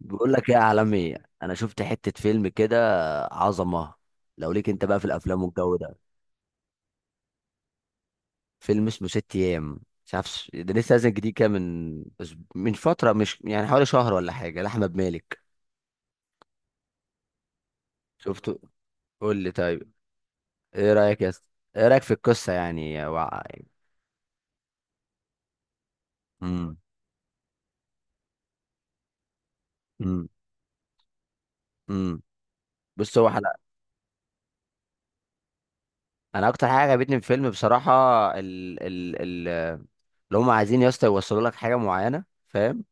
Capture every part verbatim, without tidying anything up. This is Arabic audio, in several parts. بقول لك ايه يا عالمي؟ انا شفت حتة فيلم كده، عظمة. لو ليك انت بقى في الافلام والجو ده، فيلم اسمه ست ايام. مش عارف، ش- ده لسه نازل جديد كده من أس- من فترة، مش يعني، حوالي شهر ولا حاجة، لأحمد مالك. شفته. قول لي طيب. ايه رأيك يا اسطى؟ ايه رأيك في القصة يعني وع... امم. امم. امم. بص، هو حلقة. انا اكتر حاجة عجبتني في الفيلم بصراحة، ال ال ال اللي هم عايزين يا اسطى يوصلوا لك حاجة معينة، فاهم؟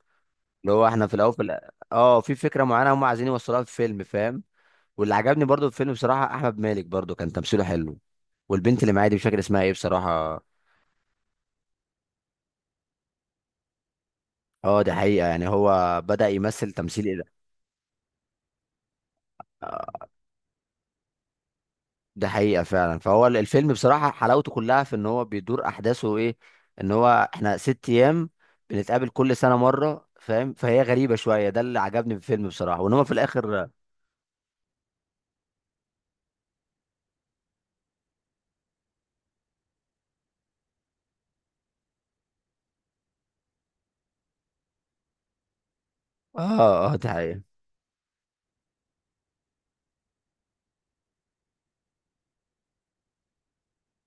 اللي هو احنا في الاول في الأ- اه في فكره معينه هم عايزين يوصلوها في الفيلم، فاهم؟ واللي عجبني برضو في الفيلم بصراحه، احمد مالك برضو كان تمثيله حلو. والبنت اللي معايا دي مش فاكر اسمها ايه بصراحه. اه، دي حقيقه. يعني هو بدأ يمثل تمثيل ايه ده! آه، ده حقيقه فعلا. فهو ال- الفيلم بصراحه حلاوته كلها في ان هو بيدور احداثه ايه. ان هو احنا ست ايام بنتقابل كل سنه مره، فاهم؟ فهي غريبه شويه. ده اللي عجبني في الفيلم بصراحه، وان هو في الاخر، اه. اه، دي حقيقه.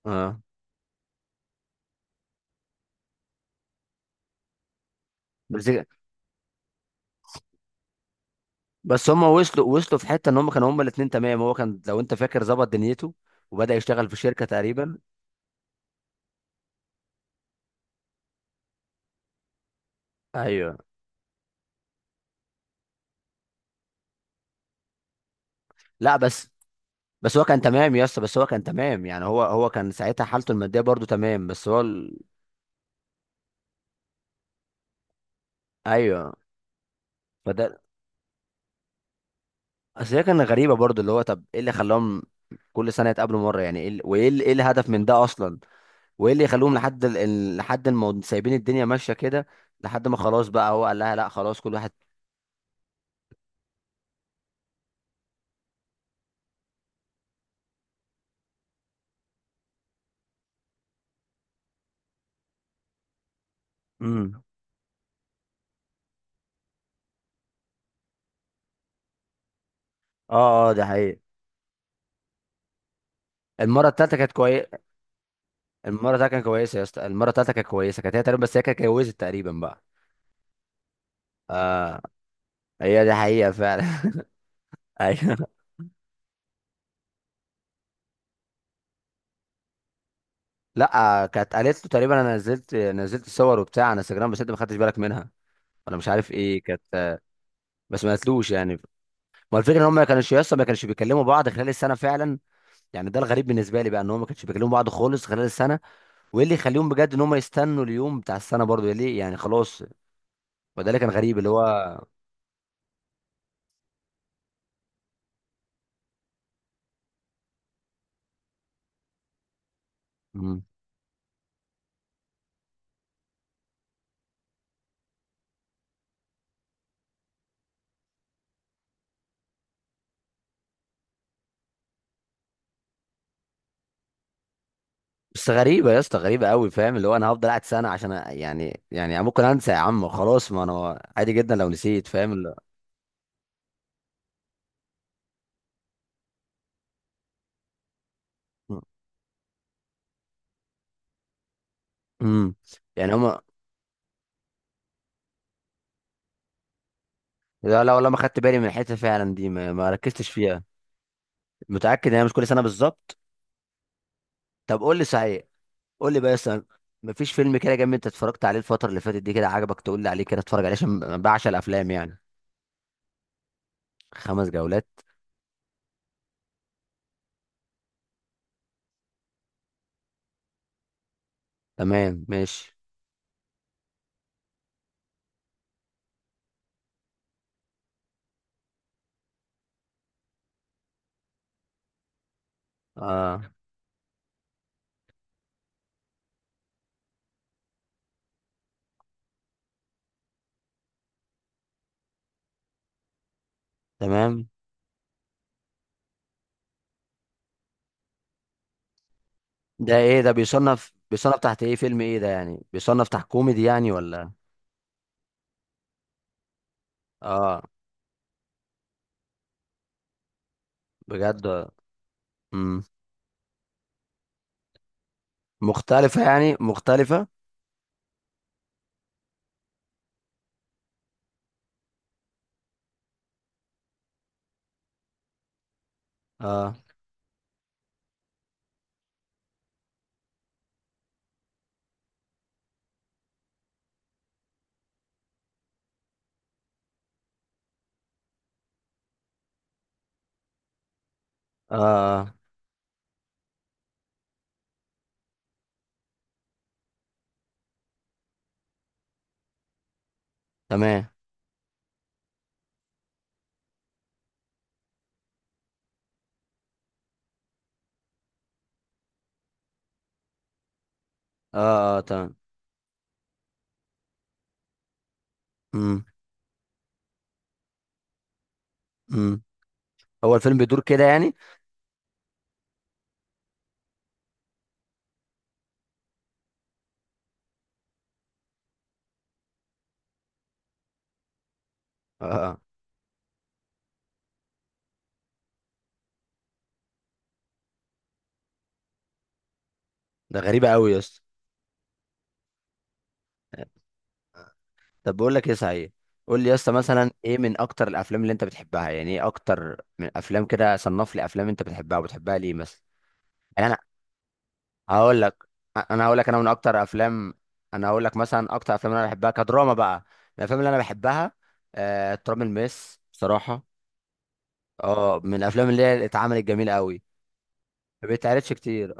اه، بس بس هم وصلوا وصلوا في حته، ان هم كانوا هم الاثنين تمام. هو كان، لو انت فاكر، ظبط دنيته وبدا يشتغل في شركه تقريبا. ايوه. لا، بس. بس هو كان تمام يا اسطى، بس هو كان تمام، يعني هو هو كان ساعتها حالته الماديه برضو تمام، بس هو ال... ايوه. فده. اصل هي كانت غريبه برضو، اللي هو طب ايه اللي خلاهم كل سنه يتقابلوا مره؟ يعني ايه ال- وايه ال- ايه الهدف من ده اصلا؟ وايه اللي يخليهم لحد ال... ال- لحد ما سايبين الدنيا ماشيه كده، لحد ما خلاص بقى هو قال لها لا خلاص كل واحد. امم. اه، اه، ده حقيقي. المره التالتة كانت كويسه. المره بتاعتك كانت كويسه يا اسطى، المره بتاعتك كانت كويسه. كانت هي تقريبا، بس هي كانت اتجوزت تقريبا بقى. اه. هي دي حقيقه فعلا. ايوه. لا، كانت قالت له تقريبا، انا نزلت نزلت صور وبتاع على انستجرام، بس انت ما خدتش بالك منها. انا مش عارف ايه كانت. بس ما قالتلوش يعني. ما الفكره ان هم ما كانوش يسطا، ما كانوش بيكلموا بعض خلال السنه فعلا. يعني ده الغريب بالنسبه لي بقى، ان هم ما كانوش بيكلموا بعض خالص خلال السنه. وايه اللي يخليهم بجد ان هم يستنوا اليوم بتاع السنه برضو؟ ليه يعني؟ خلاص. وده اللي كان غريب اللي هو. بس غريبة يا اسطى، غريبة قوي، فاهم؟ اللي هو انا هفضل قاعد سنة عشان أ- يعني يعني ممكن انسى يا عم. خلاص، ما انا عادي جدا لو نسيت، فاهم اللي... امم. يعني هما. لا لا، والله ما خدت بالي من الحتة فعلا دي، ما, ما ركزتش فيها. متأكد ان هي مش كل سنة بالظبط؟ طب قول لي صحيح. قول لي بقى يا اسطى، مفيش فيلم كده جامد انت اتفرجت عليه الفترة اللي فاتت دي كده عجبك، تقول لي عليه كده اتفرج عليه، عشان انا بعشق الافلام يعني؟ خمس جولات؟ تمام، ماشي. اه، تمام. ده ايه ده؟ بيصنف بيصنف تحت ايه؟ فيلم ايه ده يعني؟ بيصنف تحت كوميدي يعني ولا؟ اه، بجد. امم. مختلفة، يعني مختلفة. اه، اه، آه. تمام. اه، اه، تمام. امم. امم. هو الفيلم بيدور كده يعني؟ اه، آه. ده غريبة قوي يا اسطى. طب بقول لك ايه، صحيح. قول لي يا اسطى مثلا ايه من اكتر الافلام اللي انت بتحبها؟ يعني ايه اكتر من افلام كده؟ صنف لي افلام انت بتحبها وبتحبها ليه مثلا. يعني انا هقول لك. انا هقول لك انا من اكتر افلام. انا هقول لك مثلا اكتر افلام انا بحبها كدراما بقى، الافلام اللي انا بحبها. آه، تراب الماس، بصراحة. اه، من الافلام اللي هي اتعملت جميله قوي. ما بيتعرضش كتير.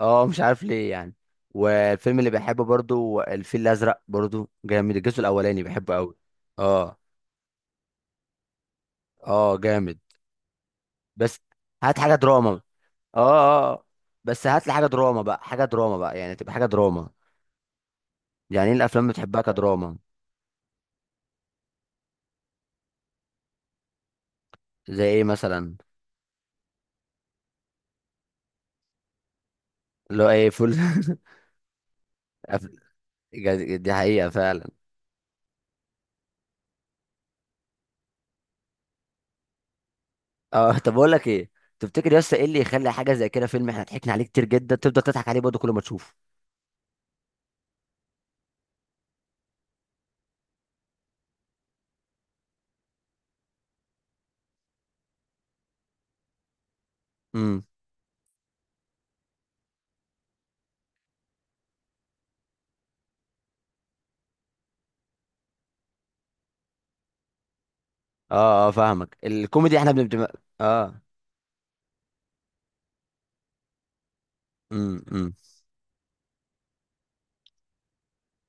اه، مش عارف ليه يعني. والفيلم اللي بحبه برضو، الفيل الازرق، برضو جامد. الجزء الاولاني بحبه قوي. اه. اه، جامد. بس هات حاجه دراما. اه، اه، آه. بس هات لي حاجه دراما بقى، حاجه دراما بقى، يعني تبقى حاجه دراما. يعني ايه الافلام اللي بتحبها كدراما؟ زي ايه مثلا؟ اللي هو ايه، فول. أف- جد- دي حقيقه فعلا. اه. طب اقول لك ايه. تفتكر يا اسطى ايه اللي يخلي حاجه زي كده، فيلم احنا ضحكنا عليه كتير جدا تفضل تضحك عليه برضه كل ما تشوفه؟ امم. اه، اه، فاهمك. الكوميدي احنا بنبقى اه. امم. امم.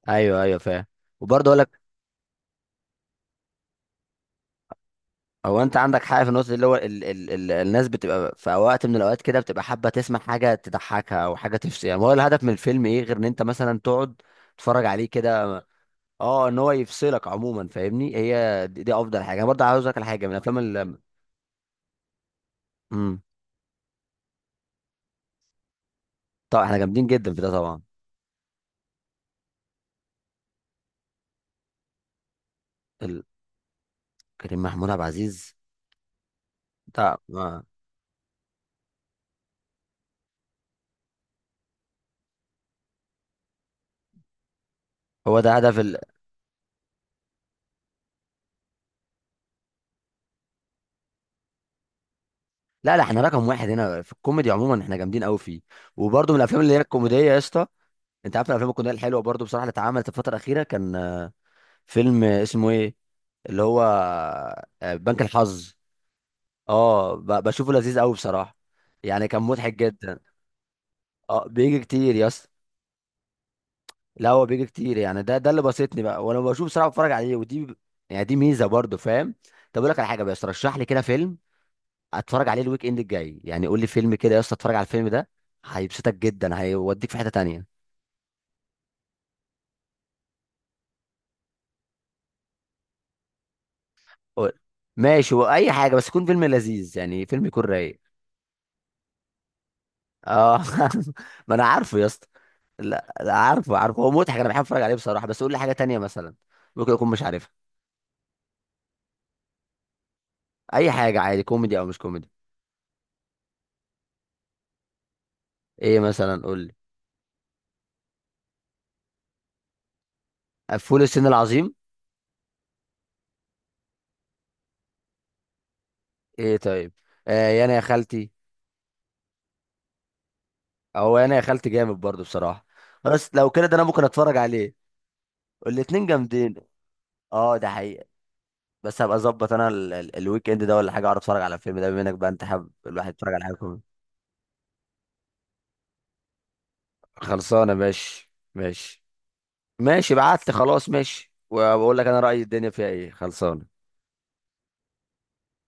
ايوه، ايوه، فاهم. وبرضه اقول لك، هو انت عندك حق في النقطه دي، اللي هو ال ال ال الناس بتبقى في وقت من الاوقات كده بتبقى حابه تسمع حاجه تضحكها، او حاجه تفصل. يعني هو الهدف من الفيلم ايه غير ان انت مثلا تقعد تتفرج عليه كده؟ اه، ان هو يفصلك عموما، فاهمني؟ هي دي, دي افضل حاجه. انا برضه عاوز اقول لك على حاجه من الافلام اللي. امم. طبعا احنا جامدين جدا في ده طبعا. ال- كريم محمود عبد العزيز. ده، آه. هو ده هدف. لا لا، احنا رقم واحد هنا في الكوميدي عموما، احنا جامدين قوي فيه. وبرده من الافلام اللي هي الكوميديه يا اسطى، انت عارف الافلام الكوميديه الحلوه برده بصراحه اللي اتعملت الفتره الاخيره، كان آه، فيلم اسمه ايه، اللي هو، آه، بنك الحظ. اه، ب- بشوفه لذيذ قوي بصراحه. يعني كان مضحك جدا. اه، بيجي كتير يا اسطى. لا هو بيجي كتير يعني، ده ده اللي بسطني بقى وانا بشوف بصراحه بتفرج عليه، ودي يعني دي ميزه برده، فاهم؟ طب اقول لك على حاجه، بس رشح لي كده فيلم اتفرج عليه الويك اند الجاي. يعني قول لي فيلم كده يا اسطى اتفرج على الفيلم ده هيبسطك جدا، هيوديك في حتة تانية. قول. ماشي، واي حاجة، بس يكون فيلم لذيذ، يعني فيلم يكون رايق. اه. ما انا عارفه يا اسطى. لا لا، عارفه عارفه، هو مضحك، انا بحب اتفرج عليه بصراحة، بس قول لي حاجة تانية مثلا، ممكن اكون مش عارفها. اي حاجة عادي، كوميدي او مش كوميدي. ايه مثلا؟ قول لي. آه، فول الصين العظيم. ايه طيب. آه، يا انا يا خالتي. او يا انا يا خالتي جامد برضه بصراحة. بس لو كده ده انا ممكن اتفرج عليه. الاتنين جامدين. اه، ده حقيقي. بس هبقى اظبط انا ال- ال- الويك اند ده ولا حاجه، اعرف اتفرج على الفيلم ده، بما انك بقى انت حابب الواحد يتفرج على حاجه كوميدي. خلصانه، ماشي ماشي. ماشي، بعت لي، خلاص، ماشي، وبقول لك انا رايي الدنيا فيها ايه. خلصانه.